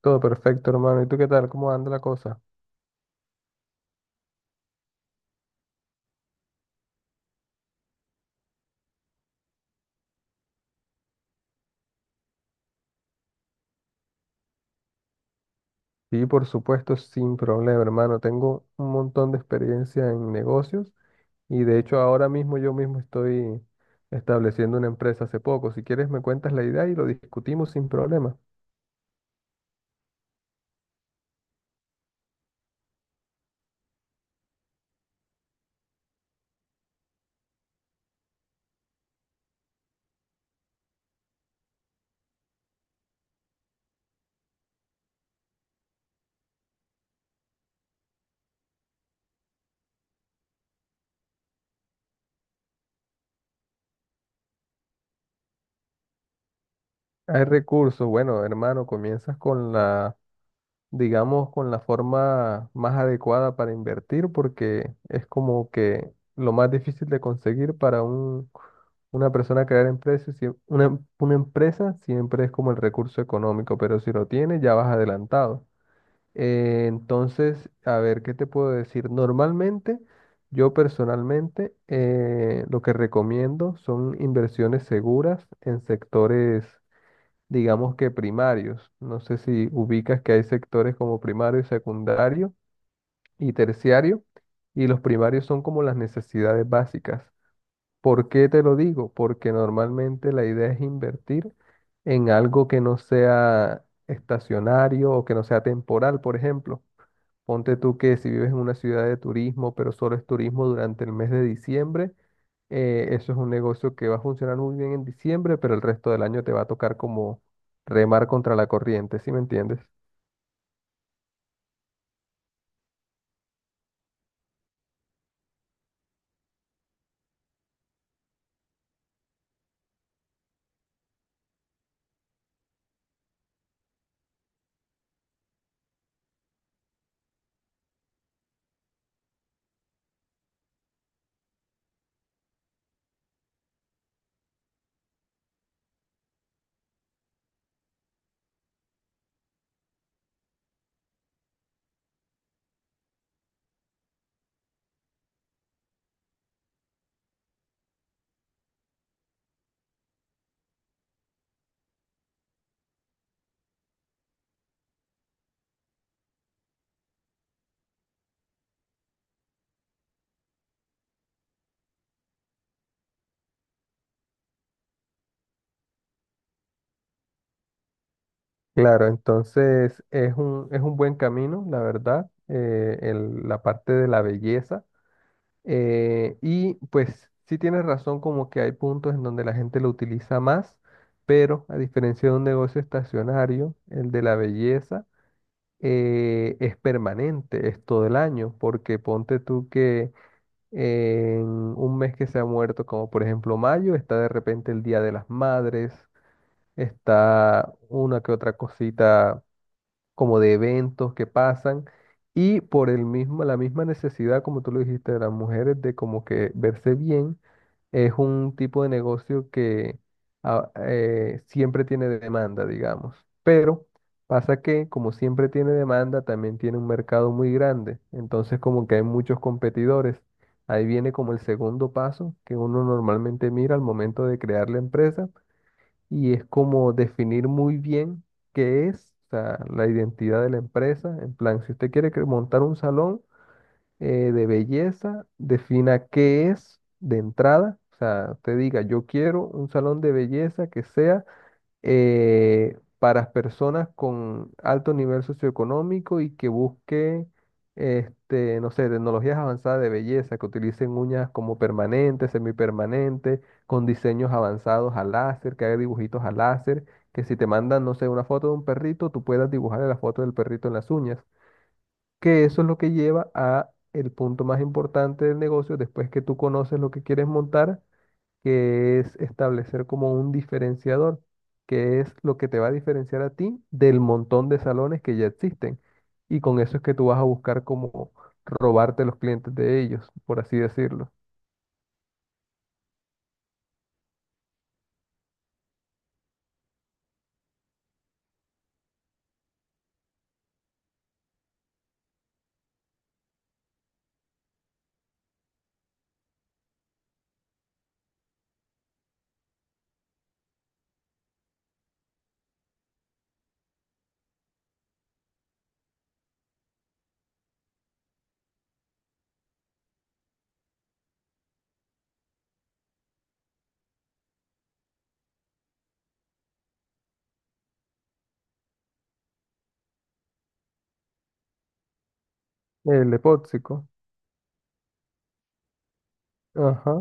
Todo perfecto, hermano. ¿Y tú qué tal? ¿Cómo anda la cosa? Sí, por supuesto, sin problema, hermano. Tengo un montón de experiencia en negocios y de hecho ahora mismo yo mismo estoy estableciendo una empresa hace poco. Si quieres, me cuentas la idea y lo discutimos sin problema. Hay recursos. Bueno, hermano, comienzas con la, digamos, con la forma más adecuada para invertir, porque es como que lo más difícil de conseguir para un, una persona crear empresas una, una empresa siempre es como el recurso económico, pero si lo tienes ya vas adelantado. Entonces, a ver, ¿qué te puedo decir? Normalmente, yo personalmente, lo que recomiendo son inversiones seguras en sectores, digamos que primarios. No sé si ubicas que hay sectores como primario, secundario y terciario, y los primarios son como las necesidades básicas. ¿Por qué te lo digo? Porque normalmente la idea es invertir en algo que no sea estacionario o que no sea temporal, por ejemplo. Ponte tú que si vives en una ciudad de turismo, pero solo es turismo durante el mes de diciembre, eso es un negocio que va a funcionar muy bien en diciembre, pero el resto del año te va a tocar como remar contra la corriente, ¿sí me entiendes? Claro, entonces es un buen camino, la verdad, la parte de la belleza. Y pues sí tienes razón como que hay puntos en donde la gente lo utiliza más, pero a diferencia de un negocio estacionario, el de la belleza es permanente, es todo el año, porque ponte tú que en un mes que se ha muerto, como por ejemplo mayo, está de repente el Día de las Madres, está una que otra cosita como de eventos que pasan y por el mismo, la misma necesidad, como tú lo dijiste, de las mujeres de como que verse bien, es un tipo de negocio que siempre tiene demanda, digamos. Pero pasa que como siempre tiene demanda, también tiene un mercado muy grande, entonces como que hay muchos competidores. Ahí viene como el segundo paso que uno normalmente mira al momento de crear la empresa y es como definir muy bien qué es, o sea, la identidad de la empresa. En plan, si usted quiere montar un salón de belleza, defina qué es de entrada. O sea, usted diga, yo quiero un salón de belleza que sea para personas con alto nivel socioeconómico y que busque, este, no sé, tecnologías avanzadas de belleza, que utilicen uñas como permanentes, semipermanentes, con diseños avanzados a láser, que haga dibujitos a láser, que si te mandan, no sé, una foto de un perrito, tú puedas dibujar la foto del perrito en las uñas, que eso es lo que lleva a el punto más importante del negocio, después que tú conoces lo que quieres montar, que es establecer como un diferenciador, que es lo que te va a diferenciar a ti del montón de salones que ya existen. Y con eso es que tú vas a buscar como robarte los clientes de ellos, por así decirlo. El epóxico. Ajá.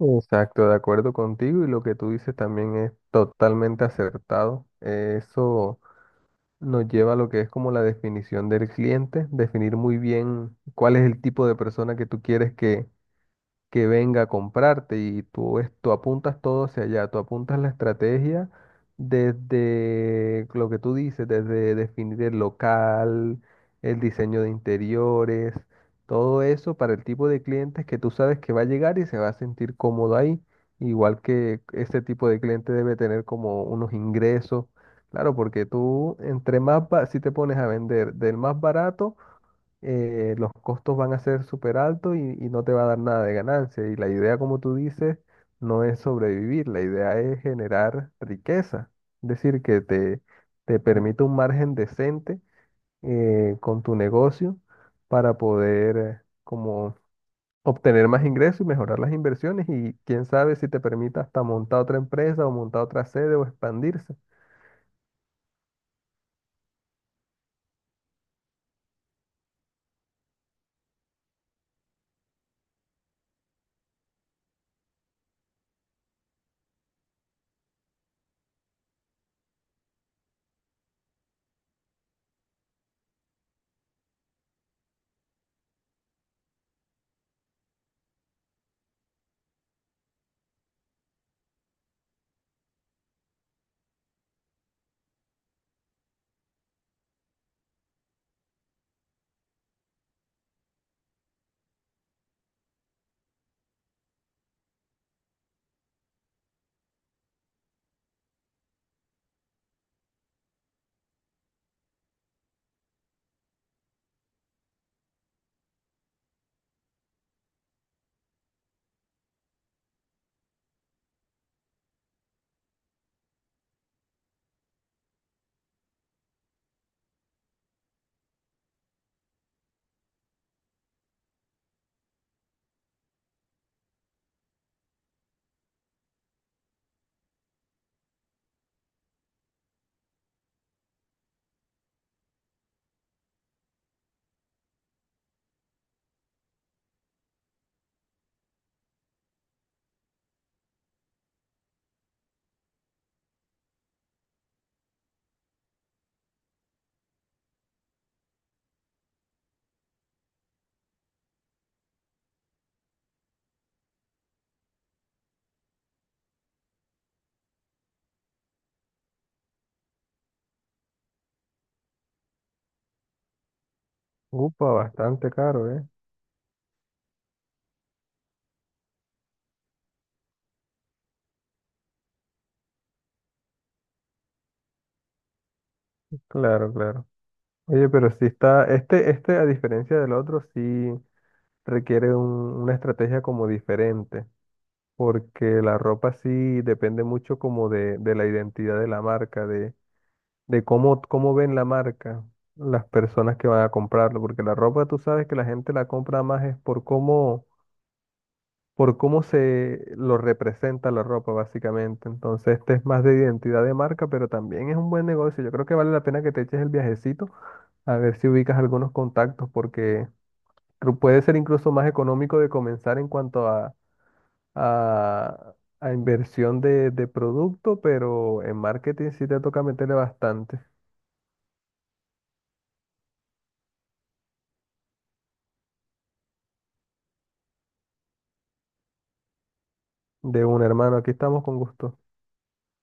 Exacto, de acuerdo contigo y lo que tú dices también es totalmente acertado. Eso nos lleva a lo que es como la definición del cliente, definir muy bien cuál es el tipo de persona que tú quieres que venga a comprarte y tú, tú apuntas todo hacia allá, tú apuntas la estrategia desde lo que tú dices, desde definir el local, el diseño de interiores, todo eso para el tipo de clientes que tú sabes que va a llegar y se va a sentir cómodo ahí, igual que ese tipo de cliente debe tener como unos ingresos. Claro, porque tú entre más, si te pones a vender del más barato, los costos van a ser súper altos y no te va a dar nada de ganancia. Y la idea, como tú dices, no es sobrevivir, la idea es generar riqueza. Es decir, que te permita un margen decente con tu negocio para poder como obtener más ingresos y mejorar las inversiones y quién sabe si te permita hasta montar otra empresa o montar otra sede o expandirse. Upa, bastante caro, ¿eh? Claro, claro. Oye, pero sí está, este a diferencia del otro, sí requiere una estrategia como diferente, porque la ropa sí depende mucho como de la identidad de la marca, de cómo, cómo ven la marca las personas que van a comprarlo, porque la ropa tú sabes que la gente la compra más es por cómo se lo representa la ropa básicamente. Entonces este es más de identidad de marca, pero también es un buen negocio. Yo creo que vale la pena que te eches el viajecito a ver si ubicas algunos contactos, porque puede ser incluso más económico de comenzar en cuanto a, a inversión de producto, pero en marketing sí te toca meterle bastante. De un hermano, aquí estamos con gusto.